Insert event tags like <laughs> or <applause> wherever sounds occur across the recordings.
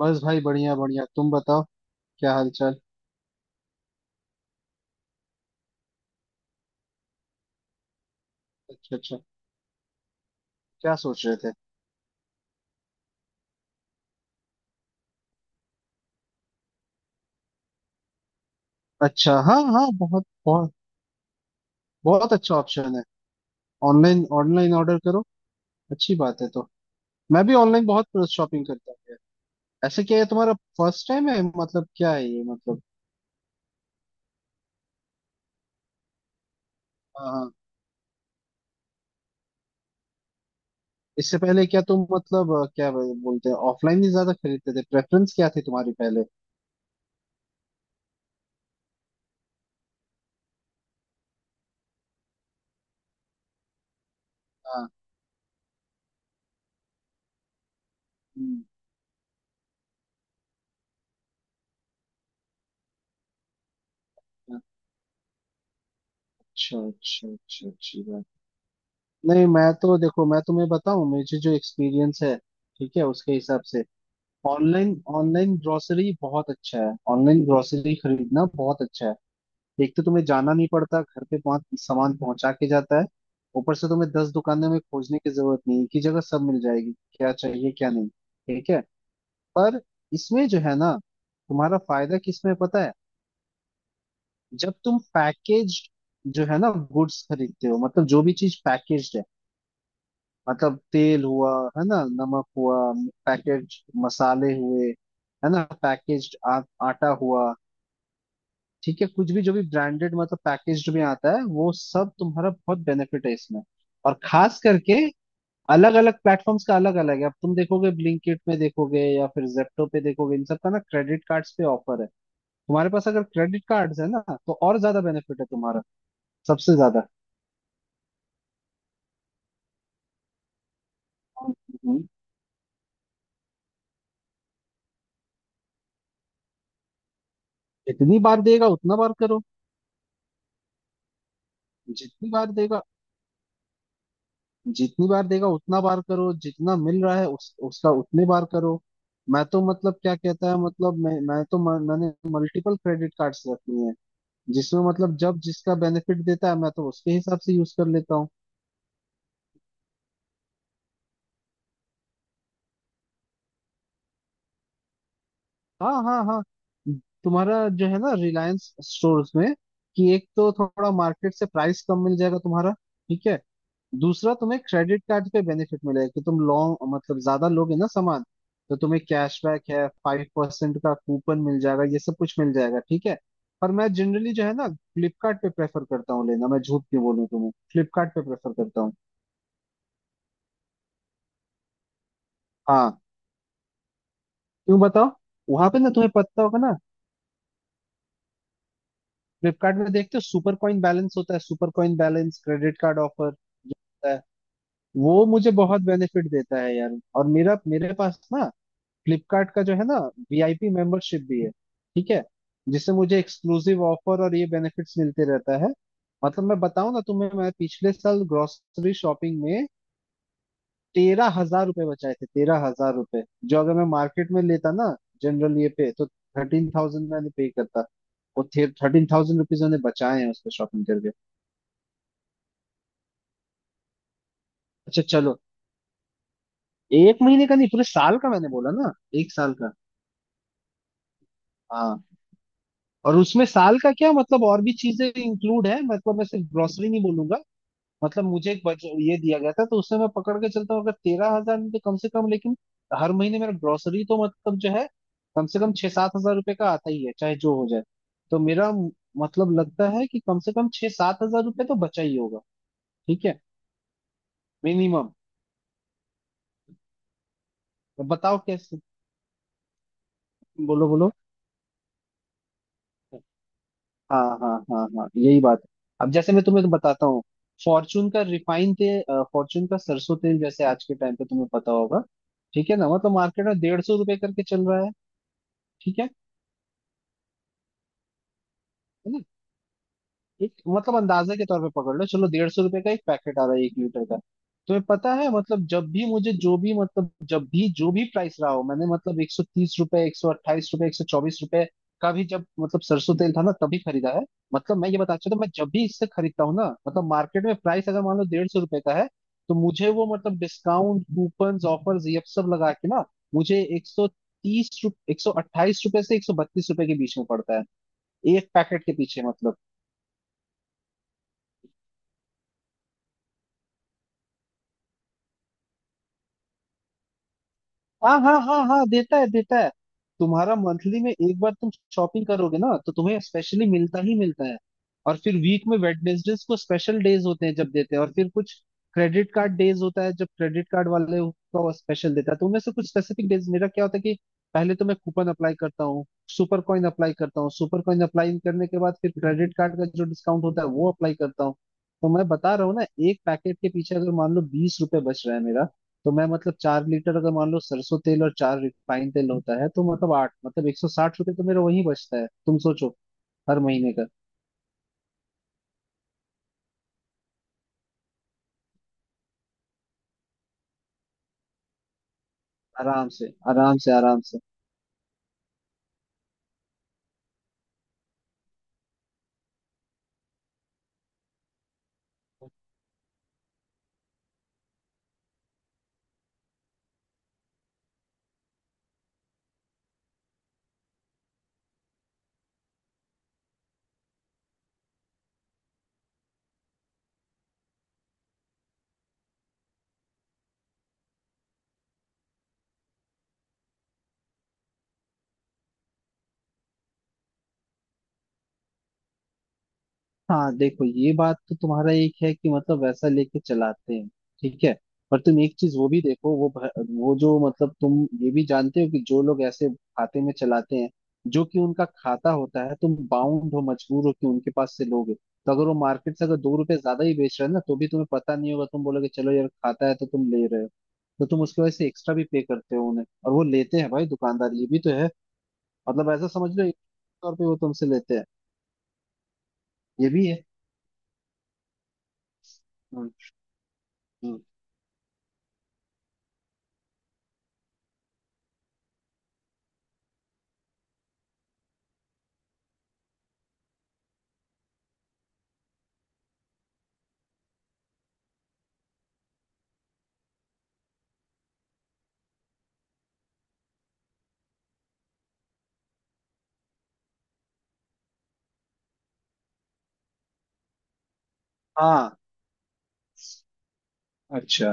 बस भाई बढ़िया बढ़िया, तुम बताओ। क्या हाल चाल? अच्छा अच्छा, क्या सोच रहे थे? अच्छा, हाँ हाँ, बहुत बहुत बहुत अच्छा ऑप्शन है। ऑनलाइन ऑनलाइन ऑर्डर करो, अच्छी बात है। तो मैं भी ऑनलाइन बहुत शॉपिंग करता हूँ यार। ऐसे क्या, ये तुम्हारा फर्स्ट टाइम है मतलब, क्या है ये मतलब? हाँ हाँ, इससे पहले क्या तुम मतलब क्या बोलते हैं, ऑफलाइन ही ज्यादा खरीदते थे? प्रेफरेंस क्या थी तुम्हारी पहले? हाँ हम्म, हाँ। अच्छा अच्छा अच्छा, अच्छी बात। नहीं, मैं तो देखो, मैं तुम्हें बताऊं, मुझे जो एक्सपीरियंस है, ठीक है उसके हिसाब से। ऑनलाइन, ऑनलाइन ग्रोसरी बहुत अच्छा है, ऑनलाइन ग्रोसरी खरीदना बहुत अच्छा है। एक तो तुम्हें जाना नहीं पड़ता, घर पे पाँच सामान पहुंचा के जाता है। ऊपर से तुम्हें 10 दुकानों में खोजने की जरूरत नहीं, एक ही जगह सब मिल जाएगी, क्या चाहिए क्या नहीं, ठीक है। पर इसमें जो है ना, तुम्हारा फायदा किसमें है पता है? जब तुम पैकेज, जो है ना, गुड्स खरीदते हो, मतलब जो भी चीज पैकेज, मतलब तेल हुआ, है ना, नमक हुआ, पैकेट, मसाले हुए, है ना, पैकेज्ड, आटा हुआ, ठीक है, कुछ भी जो भी ब्रांडेड मतलब पैकेज्ड में आता है, वो सब तुम्हारा बहुत बेनिफिट है इसमें। और खास करके अलग अलग प्लेटफॉर्म्स का अलग अलग है। अब तुम देखोगे, ब्लिंकिट में देखोगे या फिर जेप्टो पे देखोगे, इन सब का ना क्रेडिट कार्ड्स पे ऑफर है। तुम्हारे पास अगर क्रेडिट कार्ड्स है ना, तो और ज्यादा बेनिफिट है तुम्हारा, सबसे ज्यादा। हम्म। जितनी बार देगा उतना बार करो, जितनी बार देगा, जितनी बार देगा उतना बार करो, जितना मिल रहा है उस उसका उतने बार करो। मैं तो मतलब क्या कहता है, मतलब मैं तो मैंने मल्टीपल क्रेडिट कार्ड्स रखी हैं, जिसमें मतलब जब जिसका बेनिफिट देता है, मैं तो उसके हिसाब से यूज कर लेता हूँ। हाँ हाँ हाँ, तुम्हारा जो है ना रिलायंस स्टोर्स में, कि एक तो थोड़ा मार्केट से प्राइस कम मिल जाएगा तुम्हारा, ठीक है। दूसरा तुम्हें क्रेडिट कार्ड पे बेनिफिट मिलेगा, कि तुम लॉन्ग मतलब ज्यादा लोगे ना सामान, तो तुम्हें कैशबैक है, 5% का कूपन मिल जाएगा, ये सब कुछ मिल जाएगा, ठीक है। पर मैं जनरली जो है ना फ्लिपकार्ट पे प्रेफर करता हूँ लेना। मैं झूठ क्यों बोलूँ तुम्हें, फ्लिपकार्ट पे प्रेफर करता हूँ। हाँ, क्यों बताओ, वहां पे ना तुम्हें पता होगा ना, फ्लिपकार्ट में देखते हो सुपर कॉइन बैलेंस होता है। Super coin balance, credit card offer जो होता है, वो मुझे बहुत बेनिफिट देता है यार। और मेरा मेरे पास ना फ्लिपकार्ट का जो है ना, वीआईपी मेंबरशिप भी है, ठीक है। जिससे मुझे एक्सक्लूसिव ऑफर और ये बेनिफिट्स मिलते रहता है। मतलब मैं बताऊं ना तुम्हें, मैं पिछले साल ग्रोसरी शॉपिंग में 13,000 रुपये बचाए थे, 13,000 रुपये। जो अगर मैं मार्केट में लेता ना, जनरल ये पे तो 13,000 मैंने पे करता। वो 13,000 रुपीज मैंने बचाए हैं उसमें शॉपिंग करके। अच्छा, चलो, एक महीने का नहीं, पूरे साल का, मैंने बोला ना, एक साल का। हाँ, और उसमें साल का क्या मतलब, और भी चीजें इंक्लूड है, मतलब मैं सिर्फ ग्रोसरी नहीं बोलूंगा। मतलब मुझे एक ये दिया गया था, तो उससे मैं पकड़ के चलता हूँ। अगर 13,000 में तो कम से कम, लेकिन हर महीने मेरा ग्रोसरी तो मतलब जो है कम से कम 6-7 हजार रुपये का आता ही है, चाहे जो हो जाए। तो मतलब लगता है कि कम से कम छह सात हजार रुपये तो बचा ही होगा, ठीक है, मिनिमम। बताओ कैसे? बोलो बोलो, हाँ हाँ हाँ हाँ, यही बात है। अब जैसे मैं तुम्हें बताता हूँ, फॉर्चून का रिफाइंड तेल, फॉर्चून का सरसों तेल, जैसे आज के टाइम पे तुम्हें पता होगा, ठीक है ना, मतलब मार्केट में 150 रुपए करके चल रहा है, ठीक है है। एक मतलब अंदाजे के तौर पे पकड़ लो, चलो 150 रुपए का एक पैकेट आ रहा है 1 लीटर का। तुम्हें पता है, मतलब जब भी मुझे जो भी, मतलब जब भी जो भी प्राइस रहा हो, मैंने मतलब 130 रुपए, 128 रुपए, 124 रुपए का भी जब मतलब सरसों तेल था ना, तभी खरीदा है। मतलब मैं ये बताना चाहता हूँ, मैं जब भी इससे खरीदता हूँ ना, मतलब मार्केट में प्राइस अगर मान लो 150 रुपए का है, तो मुझे वो, मतलब डिस्काउंट, कूपन, ऑफर्स ये सब लगा के ना, मुझे 130, 128 रुपए से 132 रुपए के बीच में पड़ता है, एक पैकेट के पीछे मतलब। हाँ हाँ हाँ हाँ, देता है देता है, तुम्हारा मंथली में एक बार तुम शॉपिंग करोगे ना, तो तुम्हें स्पेशली मिलता ही मिलता है। और फिर वीक में वेडनेसडेज को स्पेशल डेज होते हैं जब देते हैं, और फिर कुछ क्रेडिट कार्ड डेज होता है जब क्रेडिट कार्ड वाले का स्पेशल देता है, तो उनमें से कुछ स्पेसिफिक डेज मेरा क्या होता है कि पहले तो मैं कूपन अप्लाई करता हूँ, सुपर कॉइन अप्लाई करता हूँ, सुपर कॉइन अप्लाई करने के बाद फिर क्रेडिट कार्ड का जो डिस्काउंट होता है वो अप्लाई करता हूँ। तो मैं बता रहा हूँ ना, एक पैकेट के पीछे अगर मान लो 20 रुपए बच रहा है मेरा, तो मैं मतलब 4 लीटर अगर मान लो सरसों तेल और चार रिफाइंड तेल होता है, तो मतलब आठ मतलब 160 रुपये तो मेरा वहीं बचता है तुम सोचो, हर महीने का। आराम से आराम से आराम से। हाँ देखो, ये बात तो तुम्हारा एक है कि मतलब वैसा लेके चलाते हैं, ठीक है। पर तुम एक चीज वो भी देखो, वो जो मतलब तुम ये भी जानते हो कि जो लोग ऐसे खाते में चलाते हैं जो कि उनका खाता होता है, तुम बाउंड हो, मजबूर हो कि उनके पास से लोगे, तो अगर वो मार्केट से अगर 2 रुपए ज्यादा ही बेच रहा है ना, तो भी तुम्हें पता नहीं होगा, तुम बोलोगे चलो यार खाता है तो तुम ले रहे हो। तो तुम उसकी वजह से एक्स्ट्रा भी पे करते हो उन्हें, और वो लेते हैं भाई दुकानदार, ये भी तो है। मतलब ऐसा समझ लो, एक तौर पे वो तुमसे लेते हैं, ये भी है। हम्म हम्म। हाँ अच्छा,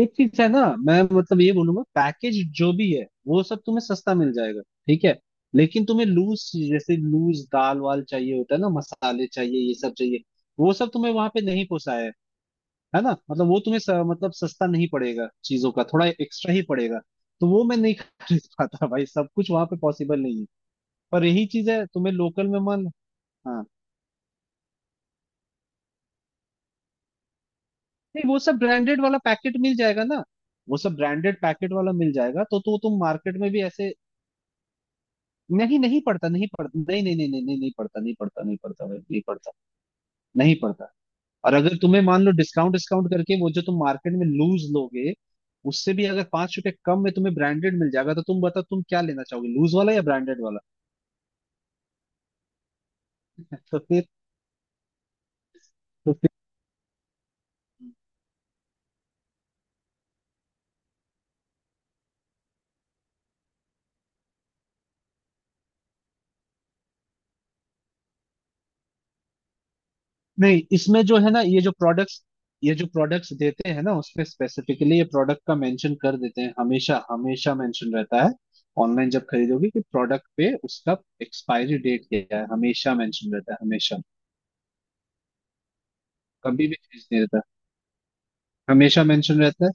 एक चीज है ना, मैं मतलब ये बोलूंगा पैकेज जो भी है वो सब तुम्हें सस्ता मिल जाएगा, ठीक है। लेकिन तुम्हें लूज, जैसे लूज दाल वाल चाहिए होता है ना, मसाले चाहिए, ये सब चाहिए, वो सब तुम्हें वहां पे नहीं पोसाया है ना, मतलब वो तुम्हें मतलब सस्ता नहीं पड़ेगा, चीजों का थोड़ा एक्स्ट्रा ही पड़ेगा। तो वो मैं नहीं <laughs> खरीद पाता भाई, सब कुछ वहां पे पॉसिबल नहीं है। पर यही चीज है तुम्हें लोकल में मन, हाँ, नहीं वो सब ब्रांडेड वाला पैकेट मिल जाएगा ना। वो सब ब्रांडेड पैकेट वाला मिल जाएगा, तो तुम मार्केट में भी ऐसे, नहीं नहीं पढ़ता, नहीं पढ़ता, नहीं नहीं नहीं नहीं नहीं नहीं पढ़ता, नहीं पढ़ता, नहीं पढ़ता भाई नहीं पढ़ता, नहीं पढ़ता। और अगर तुम्हें मान लो डिस्काउंट डिस्काउंट करके वो जो तुम मार्केट में लूज लोगे, उससे भी अगर 5 रुपए कम में तुम्हें ब्रांडेड मिल जाएगा, तो तुम बताओ तुम क्या लेना चाहोगे, लूज वाला या ब्रांडेड वाला? तो फिर तो फिर नहीं, इसमें जो है ना, ये जो प्रोडक्ट्स देते हैं ना, उसमें स्पेसिफिकली ये प्रोडक्ट का मेंशन कर देते हैं, हमेशा हमेशा मेंशन रहता है। ऑनलाइन जब खरीदोगे कि प्रोडक्ट पे उसका एक्सपायरी डेट क्या है, हमेशा मेंशन रहता है, हमेशा। कभी भी चीज नहीं रहता, हमेशा मेंशन रहता है।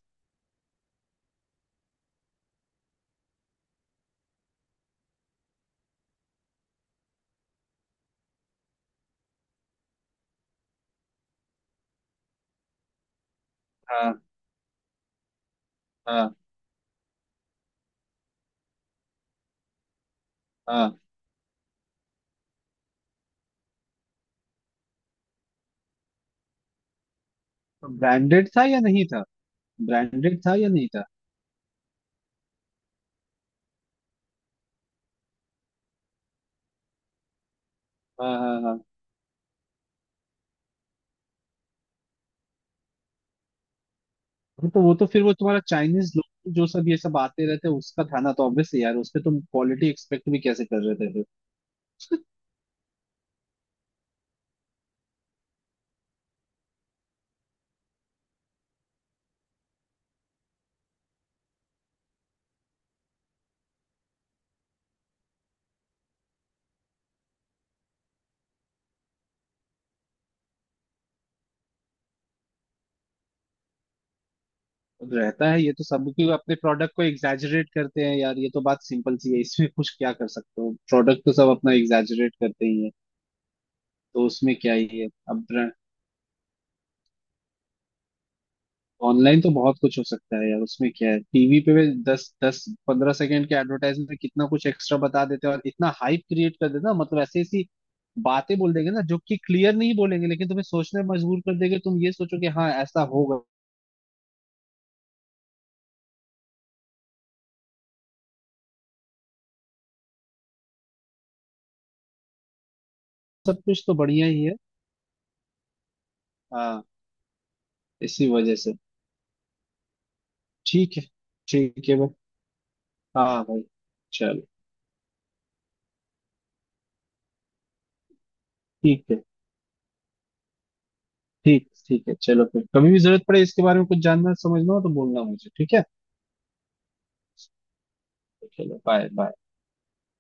हाँ हाँ हाँ, तो ब्रांडेड था या नहीं था, ब्रांडेड था या नहीं था? हाँ हाँ हाँ हाँ, तो वो तो फिर वो तुम्हारा चाइनीज लोग जो सब ये सब आते रहते हैं उसका था ना, तो ऑब्वियसली यार, उस पे तुम क्वालिटी एक्सपेक्ट भी कैसे कर रहे थे फिर? तो रहता है ये तो सब, क्यों अपने प्रोडक्ट को एग्जैजरेट करते हैं यार, ये तो बात सिंपल सी है, इसमें कुछ क्या कर सकते हो? प्रोडक्ट तो सब अपना एग्जैजरेट करते ही है। तो उसमें क्या ही है अब, ऑनलाइन तो बहुत कुछ हो सकता है यार, उसमें क्या है, टीवी पे भी दस दस पंद्रह सेकंड के एडवर्टाइजमेंट में कितना कुछ एक्स्ट्रा बता देते हैं और इतना हाइप क्रिएट कर देते हैं ना, मतलब ऐसी ऐसी बातें बोल देंगे ना जो कि क्लियर नहीं बोलेंगे लेकिन तुम्हें सोचने पर मजबूर कर देंगे, तुम ये सोचो कि हाँ ऐसा होगा। सब कुछ तो बढ़िया ही है। हाँ, इसी वजह से। ठीक है, ठीक है भाई। हाँ भाई, चलो, ठीक है। ठीक ठीक है, चलो फिर, कभी भी जरूरत पड़े इसके बारे में कुछ जानना समझना हो तो बोलना मुझे, ठीक है। चलो बाय बाय।